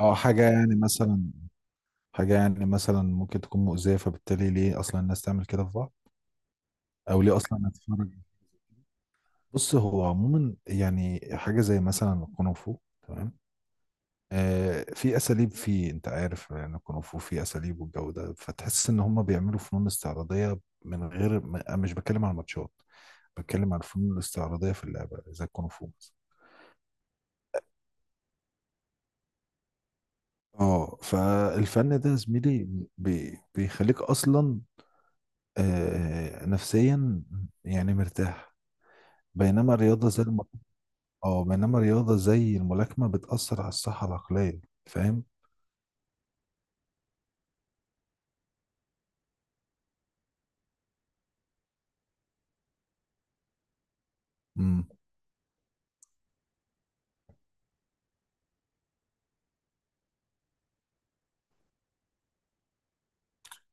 اه حاجة يعني مثلا ممكن تكون مؤذية، فبالتالي ليه أصلا الناس تعمل كده في بعض؟ أو ليه أصلا نتفرج؟ بص، هو عموما يعني حاجة زي مثلا الكونغ فو. تمام. في أساليب، فيه أنت عارف يعني الكونغ فو فيه أساليب والجو ده، فتحس إن هم بيعملوا فنون استعراضية. من غير م- أنا مش بتكلم عن الماتشات، بتكلم عن الفنون الاستعراضية في اللعبة زي الكونغ فو مثلا. اه فالفن ده يا زميلي بيخليك أصلا نفسيا يعني مرتاح. بينما الرياضة زي الم... اه بينما الرياضة زي الملاكمة بتأثر على الصحة العقلية. فاهم؟ مم.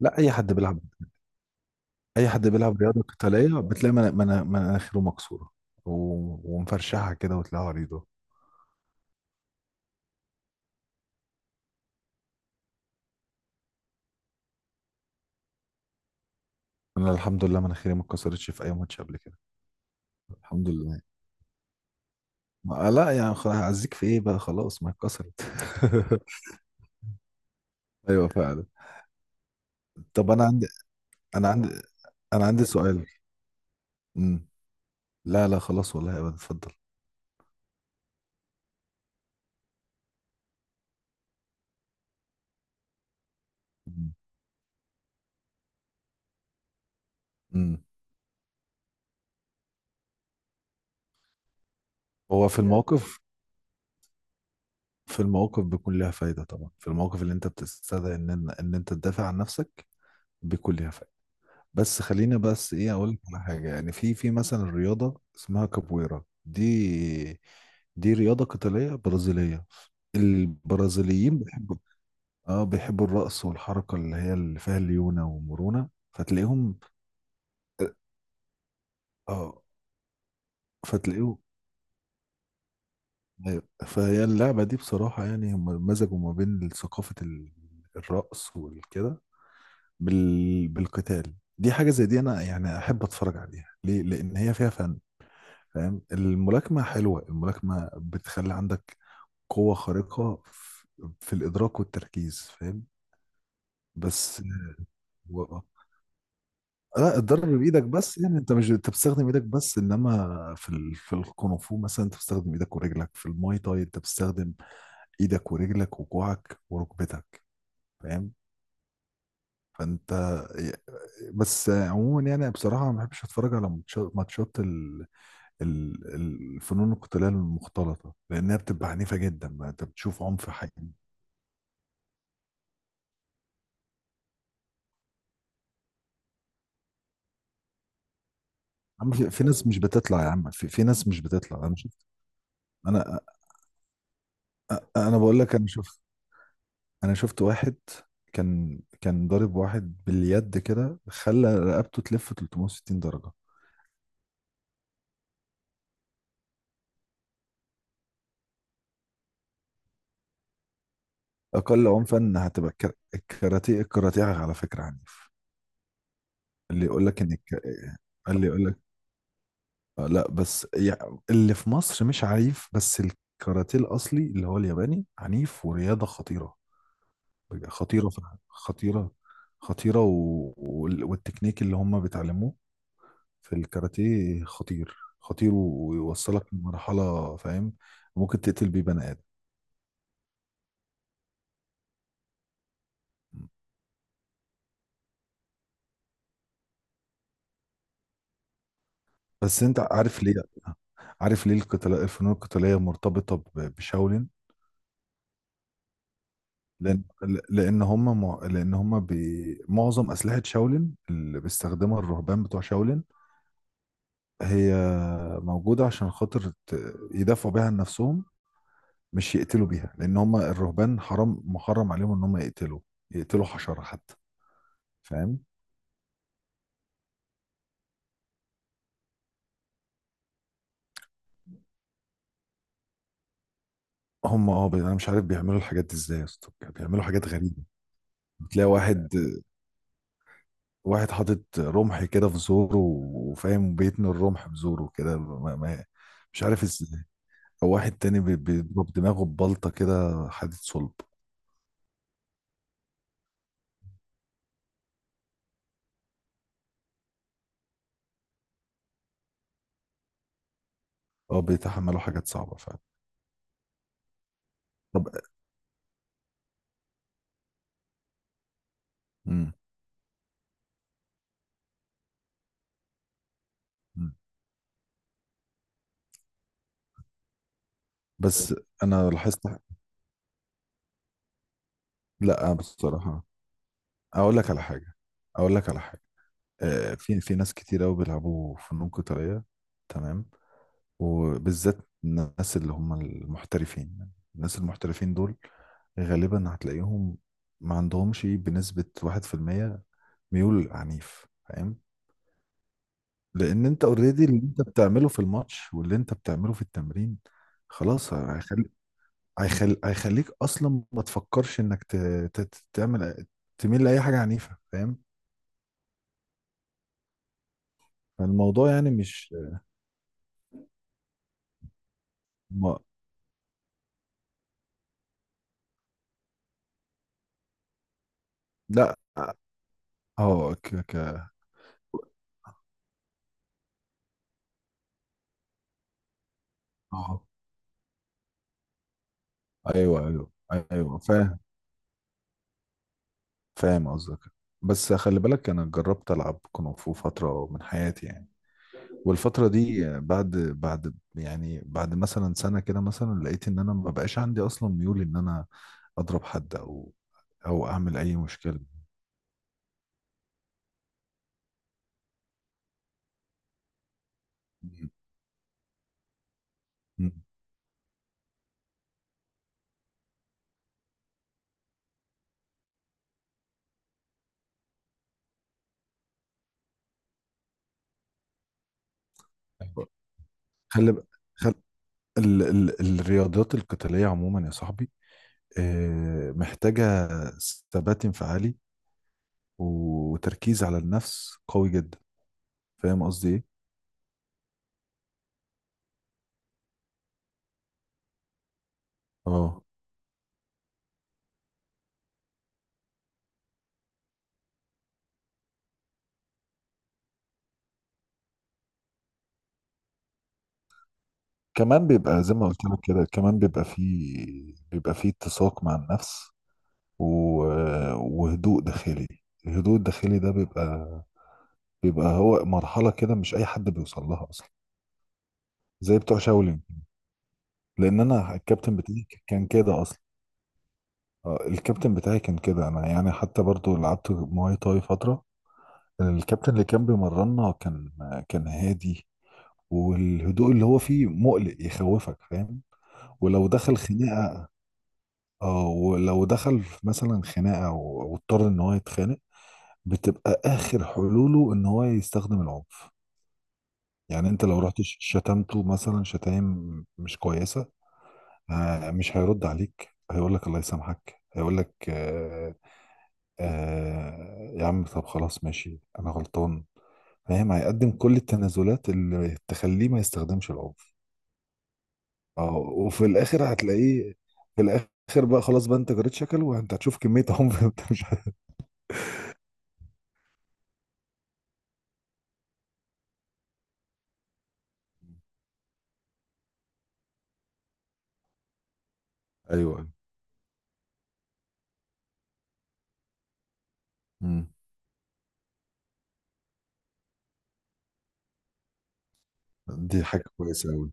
لا أي حد بيلعب رياضة قتالية بتلاقي مناخيره مكسورة و... ومفرشحة كده وتلاقيها عريضة. أنا الحمد لله مناخيري ما اتكسرتش في أي ماتش قبل كده. الحمد لله. ما... لا يعني خلاص، أعزيك في إيه بقى؟ خلاص ما اتكسرت. أيوه فعلا. طب أنا عندي أنا عندي أنا عندي سؤال. مم. لا لا خلاص، والله أبدا، اتفضل. مم. مم. هو في الموقف في الموقف بيكون ليها فايدة طبعا، في الموقف اللي انت بتستدعي ان ان إن انت تدافع عن نفسك بيكون ليها فايدة. بس خلينا بس ايه، اقول لك على حاجة. يعني في مثلا رياضة اسمها كابويرا، دي دي رياضة قتالية برازيلية. البرازيليين بيحبوا، اه بيحبوا الرقص والحركة اللي هي اللي فيها ليونة ومرونة، فتلاقيهم اه آه، فتلاقيهم. أيوة. فهي اللعبة دي بصراحة يعني هم مزجوا ما بين ثقافة الرقص والكده بالقتال. دي حاجة زي دي أنا يعني أحب أتفرج عليها ليه؟ لأن هي فيها فن. فاهم؟ الملاكمة حلوة، الملاكمة بتخلي عندك قوة خارقة في الإدراك والتركيز. فاهم؟ بس و... لا، الضرب بإيدك بس، يعني أنت مش أنت بتستخدم إيدك بس، إنما في في الكونغفو مثلا أنت بتستخدم إيدك ورجلك، في الماي تاي أنت بتستخدم إيدك ورجلك وكوعك وركبتك. فاهم؟ فانت. بس عموما يعني بصراحه ما بحبش اتفرج على ماتشات الفنون القتاليه المختلطه، لانها بتبقى عنيفه جدا، بقى انت بتشوف عنف حقيقي. عم في... في ناس مش بتطلع يا عم في ناس مش بتطلع، انا شفت انا انا بقول لك، انا شفت واحد كان ضارب واحد باليد كده خلى رقبته تلف 360 درجه. اقل عنفا هتبقى الكاراتيه. الكاراتيه على فكره عنيف. اللي يقول لك ان الك... اللي يقول لك لا بس يعني اللي في مصر مش عنيف، بس الكاراتيه الاصلي اللي هو الياباني عنيف ورياضه خطيره. خطيره فعلا. خطيره. خطيره والتكنيك اللي هم بيتعلموه في الكاراتيه خطير خطير، ويوصلك لمرحله، فاهم؟ ممكن تقتل بيه بني ادم. بس انت عارف ليه؟ عارف ليه القتال الفنون القتاليه مرتبطه بشاولين؟ لان لان هم مع- لان هم بي... معظم اسلحه شاولين اللي بيستخدمها الرهبان بتوع شاولين هي موجوده عشان خاطر يدافعوا بيها عن نفسهم، مش يقتلوا بيها. لان هم الرهبان حرام محرم عليهم ان هم يقتلوا، يقتلوا حشره حتى. فاهم؟ انا مش عارف بيعملوا الحاجات دي ازاي يا اسطى، بيعملوا حاجات غريبه. بتلاقي واحد حاطط رمح كده في زوره، وفاهم بيتني الرمح بزوره كده ما... ما... مش عارف ازاي. او واحد تاني بيضرب دماغه ببلطه كده حديد صلب. اه بيتحملوا حاجات صعبه فعلا. طب. مم. مم. بس انا لاحظت. لا بصراحه، اقول لك على حاجه. اقول لك على حاجه في ناس كتير قوي بيلعبوا فنون قتاليه، تمام؟ وبالذات الناس اللي هم المحترفين. الناس المحترفين دول غالبا هتلاقيهم ما عندهمش بنسبه 1% ميول عنيف. فاهم؟ لان انت اوريدي اللي انت بتعمله في الماتش واللي انت بتعمله في التمرين خلاص هيخلي هيخليك اصلا ما تفكرش انك تعمل، تميل لاي حاجه عنيفه. فاهم؟ فالموضوع يعني مش... ما... لا. اه ك... ك... اه ايوه ايوه فاهم. فاهم قصدك. بس خلي بالك، انا جربت العب كونغ فو فتره من حياتي يعني، والفترة دي بعد بعد مثلا سنة كده مثلا، لقيت ان انا ما بقاش عندي اصلا ميول ان انا اضرب حد او اعمل اي مشكلة. م- م. خلي ب- خل... الرياضات القتالية عموما يا صاحبي محتاجة ثبات انفعالي وتركيز على النفس قوي جدا. فاهم قصدي ايه؟ اه كمان بيبقى زي ما قلت لك كده، كمان بيبقى فيه اتساق مع النفس و... وهدوء داخلي. الهدوء الداخلي ده بيبقى هو مرحلة كده مش أي حد بيوصل لها أصلا، زي بتوع شاولين. لأن أنا الكابتن بتاعي كان كده أصلا. الكابتن بتاعي كان كده. أنا يعني حتى برضو لعبت مواي تاي فترة، الكابتن اللي كان بيمرنا كان هادي، والهدوء اللي هو فيه مقلق يخوفك. فاهم؟ ولو دخل خناقة، اه ولو دخل مثلا خناقة واضطر ان هو يتخانق، بتبقى اخر حلوله ان هو يستخدم العنف. يعني انت لو رحت شتمته مثلا شتايم مش كويسه، مش هيرد عليك، هيقول لك الله يسامحك، هيقول لك آه، آه يا عم طب خلاص ماشي انا غلطان. فاهم؟ هيقدم كل التنازلات اللي تخليه ما يستخدمش العنف. اه وفي الاخر هتلاقيه، في الاخر بقى خلاص بقى، انت جريت شكل وانت هتشوف كميه عنف. انت مش ايوه. مم. دي حاجه كويسه قوي.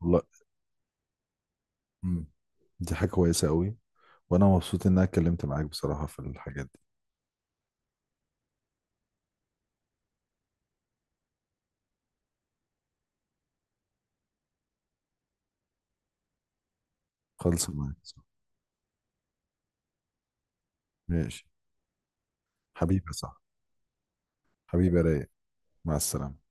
والله. مم. دي حاجة كويسة قوي، وانا مبسوط ان انا اتكلمت معاك بصراحة في الحاجات دي. خالص معاك صح. ماشي. حبيبي صح. حبيبي يا رايق. مع السلامة.